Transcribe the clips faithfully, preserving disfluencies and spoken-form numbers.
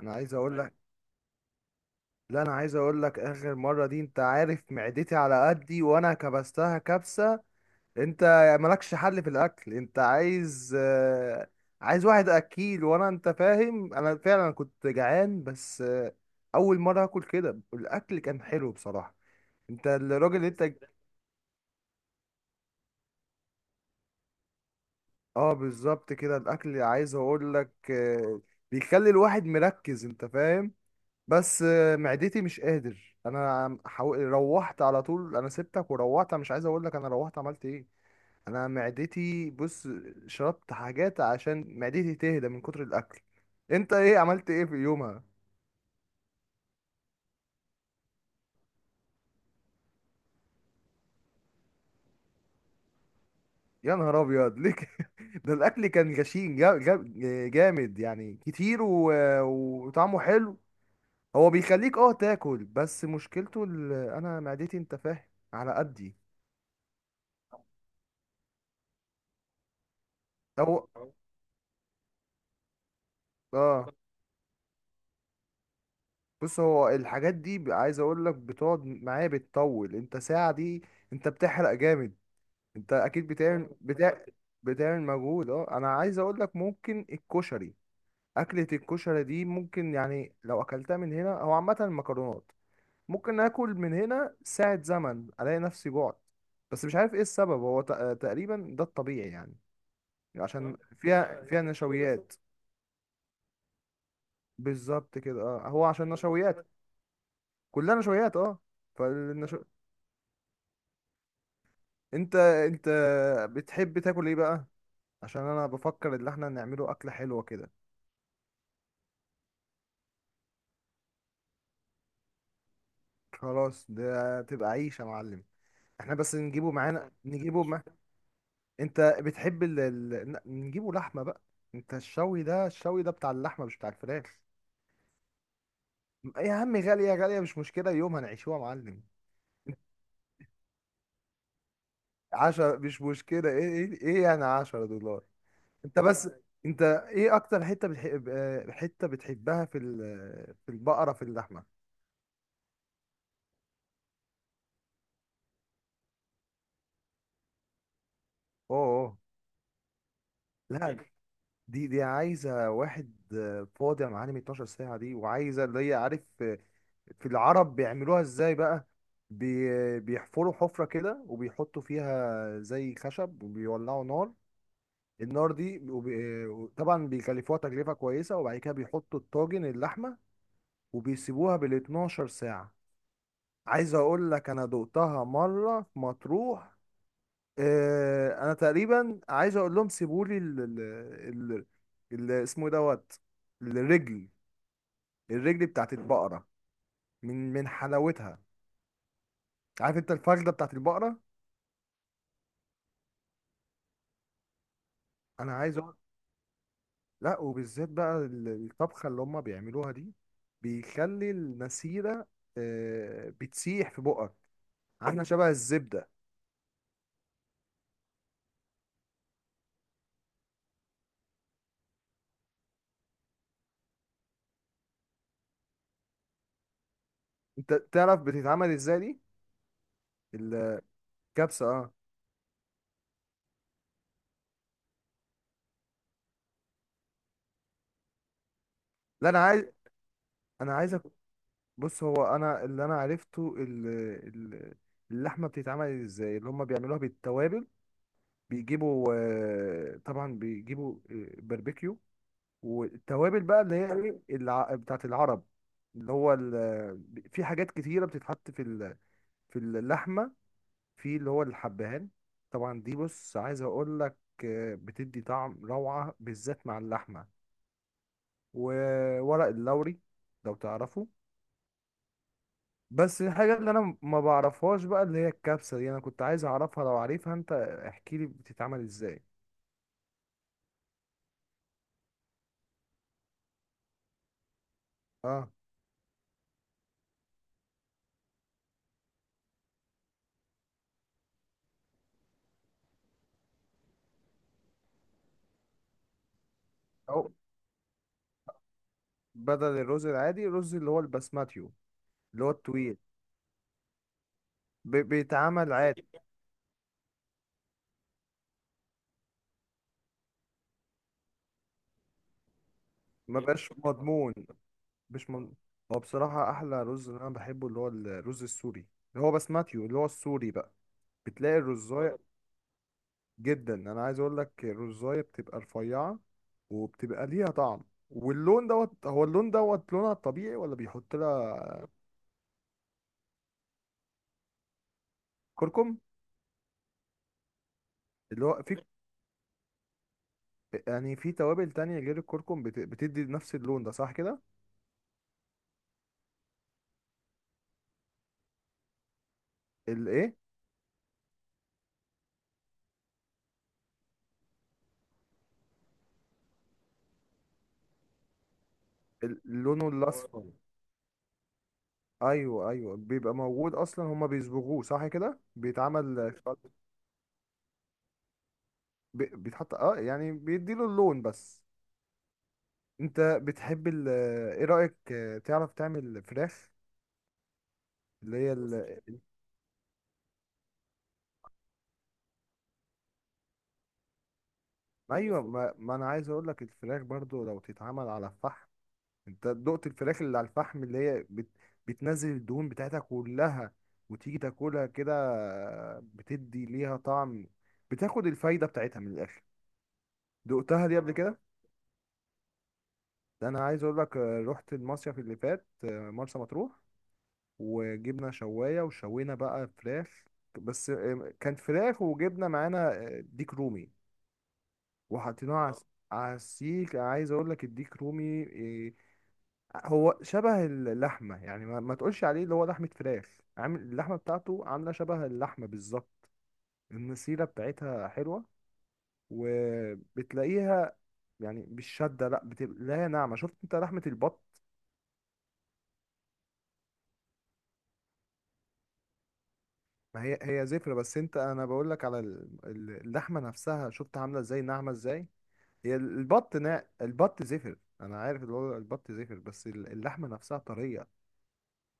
انا عايز اقول لك لا انا عايز اقول لك. اخر مره دي، انت عارف معدتي على قدي وانا كبستها كبسه. انت مالكش حل في الاكل. انت عايز آه، عايز واحد اكيل، وانا انت فاهم، انا فعلا كنت جعان. بس آه، اول مره اكل كده. الاكل كان حلو بصراحه. انت الراجل اللي انت اه بالظبط كده. الاكل، عايز اقول لك آه، بيخلي الواحد مركز، انت فاهم. بس آه، معدتي مش قادر. انا حو... روحت على طول، انا سبتك وروحت. أنا مش عايز اقول لك انا روحت عملت ايه. انا معدتي، بص، شربت حاجات عشان معدتي تهدى من كتر الاكل. انت ايه عملت ايه في يومها؟ يا نهار ابيض، ليه كده؟ ده الاكل كان غشيم، جا- جا- جامد يعني كتير و... وطعمه حلو. هو بيخليك اه تاكل، بس مشكلته ال... انا معدتي، انت فاهم، على قدي. هو اه بص، هو الحاجات دي ب- عايز اقول لك بتقعد معايا، بتطول انت ساعة دي. انت بتحرق جامد، انت اكيد بتعمل بتاع، بتعمل مجهود. اه، انا عايز اقول لك، ممكن الكشري، اكلة الكشري دي، ممكن يعني لو اكلتها من هنا او عامة المكرونات، ممكن اكل من هنا ساعة زمن الاقي نفسي جوعت. بس مش عارف ايه السبب. هو تق- تقريبا ده الطبيعي يعني. عشان فيها فيها نشويات. بالظبط كده، اه، هو عشان نشويات. كلها نشويات اه. فالنشويات، انت انت بتحب تاكل ايه بقى؟ عشان انا بفكر ان احنا نعمله اكله حلوه كده. خلاص، ده تبقى عيش يا معلم. احنا بس نجيبه معانا، نجيبه ما. انت بتحب ال... ال... ن- نجيبه لحمه بقى. انت الشوي ده، الشوي ده بتاع اللحمه مش بتاع الفراخ. يا عم، غاليه غاليه مش مشكله، يوم هنعيشوها يا معلم. عشرة مش مشكله. ايه ايه ايه يعني عشرة دولار. انت بس، انت ايه اكتر حته بتحب؟ آه، حته بتحبها في ال... في البقره، في اللحمه. اوه اوه. لا، دي دي عايزة واحد آه، فاضي يا معلم. اتناشر ساعة دي، وعايزة اللي هي عارف آه، في العرب بيعملوها ازاي بقى. بي بيحفروا حفرة كده، وبيحطوا فيها زي خشب، وبيولعوا نار. النار دي وبي- آه، طبعا بيكلفوها تكلفة كويسة، وبعد كده بيحطوا الطاجن اللحمة، وبيسيبوها بال اتناشر ساعة. عايز اقول لك، انا دقتها مرة في مطروح. آه، انا تقريبا عايز اقول لهم سيبوا لي ال ال ال ال- اسمه إيه دوت، الرجل، الرجل بتاعت البقره. من من حلاوتها. عارف انت الفخده بتاعت البقره. انا عايز اقول، لا، وبالذات بقى ال- الطبخه اللي هم بيعملوها دي، بيخلي المسيره آه، بتسيح في بقك، عامله شبه الزبده. انت تعرف بتتعمل ازاي دي؟ الكبسه اه. لا انا عايز انا عايز بص، هو انا اللي انا عرفته ال- ال- اللحمه بتتعمل ازاي اللي هم بيعملوها بالتوابل. بيجيبوا آه، طبعا بيجيبوا آه، باربيكيو، والتوابل بقى اللي هي، ايه الع- بتاعت العرب، اللي هو ال- في حاجات كتيره بتتحط في ال- في اللحمه، في اللي هو الحبهان. طبعا دي بص، عايز اقول لك، آه، بتدي طعم روعه بالذات مع اللحمه. وورق اللوري، لو تعرفه. بس الحاجة اللي انا ما بعرفهاش بقى، اللي هي الكبسة دي، انا كنت عايز اعرفها. لو عارفها انت، احكي لي بتتعمل ازاي. اه، او بدل الرز العادي، الرز اللي هو البسماتيو، اللي هو الطويل، بي- بيتعمل عادي. ما بقاش مضمون، مش مضمون. هو بصراحة احلى رز اللي انا بحبه، اللي هو الرز السوري، اللي هو بسماتيو، اللي هو السوري بقى. بتلاقي الرزاية جدا، انا عايز اقول لك الرزاية بتبقى رفيعة، وبتبقى ليها طعم. واللون دوت، هو اللون دوت لونها الطبيعي، ولا بيحط لها كركم؟ اللي هو في، يعني في توابل تانية غير الكركم، بت... بتدي نفس اللون ده، صح كده؟ الايه، اللون الاصفر؟ ايوه ايوه، بيبقى موجود اصلا، هما بيصبغوه صح كده، بيتعمل، ب... بيتحط، اه يعني بيديله اللون بس. انت بتحب ال... ايه رأيك آه، تعرف تعمل فراخ اللي هي ال... ايوه، ما... ما انا عايز اقول لك، الفراخ برضو لو تتعمل على الفحم. انت دقت الفراخ اللي على الفحم، اللي هي بت... بتنزل الدهون بتاعتها كلها، وتيجي تاكلها كده، بتدي ليها طعم، بتاخد الفايدة بتاعتها من الآخر. دقتها دي قبل كده؟ ده انا عايز اقول لك، آه، رحت المصيف اللي فات، آه، مرسى مطروح، وجبنا شواية وشوينا بقى فراخ. بس آه، كانت فراخ وجبنا معانا آه، ديك رومي، وحطيناها على، اه على السيخ. عايز اقول لك الديك رومي، آه، هو شبه اللحمة يعني، ما, ما تقولش عليه اللي هو لحمة فراخ. عامل اللحمة بتاعته، عاملة شبه اللحمة بالظبط. النسيرة بتاعتها حلوة، وبتلاقيها يعني مش شادة، لا بتلاقيها ناعمة. شفت انت لحمة البط؟ ما هي هي زفرة، بس انت، انا بقول لك على ال- ال- اللحمة نفسها، شفت عاملة ازاي ناعمة ازاي. هي البط، نا البط زفر، انا عارف اللي هو البط زفر، بس ال- اللحمة نفسها طرية.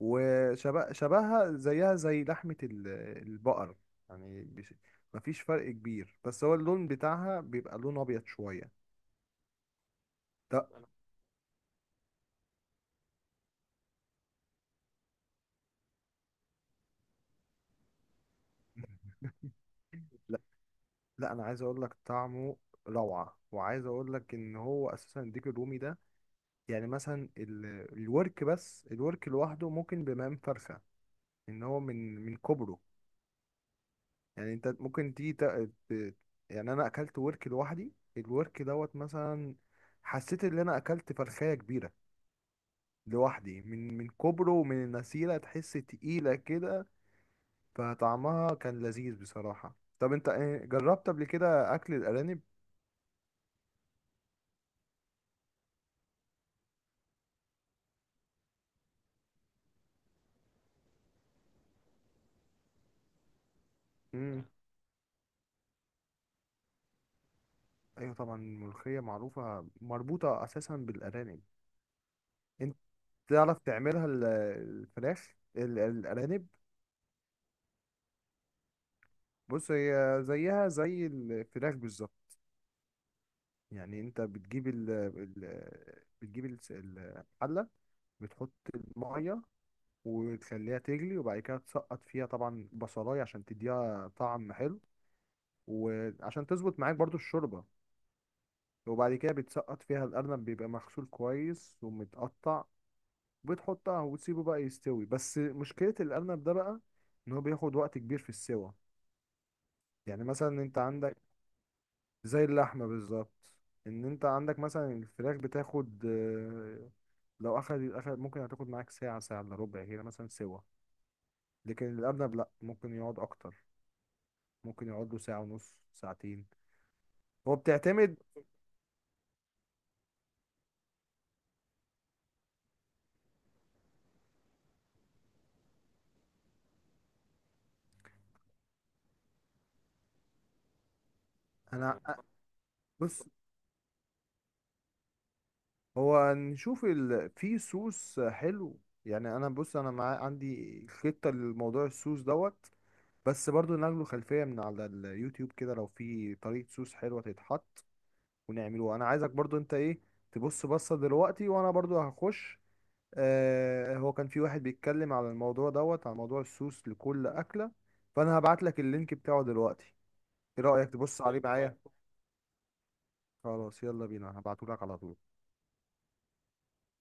وشبه شبهها زيها زي لحمة ال- البقر يعني، بش- مفيش فرق كبير، بس هو اللون بتاعها بيبقى لون أبيض شوية. لا. لا لا أنا عايز أقول لك، طعمه روعة. وعايز أقول لك إن هو أساسا الديك الرومي ده، يعني مثلا ال- الورك، بس الورك لوحده ممكن بمقام فرخة، إن هو من من كبره. يعني أنت ممكن تيجي تق- ت- يعني أنا أكلت ورك لوحدي، الورك دوت مثلا، حسيت إن أنا أكلت فرخاية كبيرة لوحدي، من من كوبرو ومن النسيرة، تحس تقيلة كده. فطعمها كان لذيذ بصراحة. طب انت ايه، جربت قبل كده اكل الارانب؟ مم. ايوه طبعا، الملوخية معروفة مربوطة اساسا بالارانب. انت تعرف تعملها ال- الفراخ، ال- الارانب؟ بص، هي زيها زي الفراخ بالظبط. يعني انت بتجيب ال ال- بتجيب الس- الحلة، بتحط المية وتخليها تجلي، وبعد كده تسقط فيها طبعا بصلاية عشان تديها طعم حلو، وعشان تظبط معاك برضو الشوربة. وبعد كده بتسقط فيها الأرنب، بيبقى مغسول كويس ومتقطع. بتحطها وتسيبه بقى يستوي. بس مشكلة الأرنب ده بقى، إن هو بياخد وقت كبير في السوى. يعني مثلا أنت عندك، زي اللحمة بالظبط، إن أنت عندك مثلا الفراخ بتاخد آه، لو أخد أخد ممكن هتاخد معاك ساعة، ساعة إلا ربع كده مثلا سوا. لكن الأرنب لأ، ممكن يقعد أكتر، ممكن يقعد له ساعة ونص، ساعتين. هو بتعتمد. انا، بص، هو نشوف ال... في سوس حلو. يعني انا بص، انا مع... عندي خطة لموضوع السوس دوت، بس برضو ناخده خلفية من على اليوتيوب كده، لو في طريقة سوس حلوة تتحط ونعمله. انا عايزك برضو انت ايه، تبص بصة دلوقتي، وانا برضو هخش. آه هو كان في واحد بيتكلم على الموضوع دوت، على موضوع السوس لكل أكلة، فانا هبعت لك اللينك بتاعه دلوقتي. ايه رأيك تبص عليه معايا؟ خلاص، يلا بينا، هبعتهولك على طول.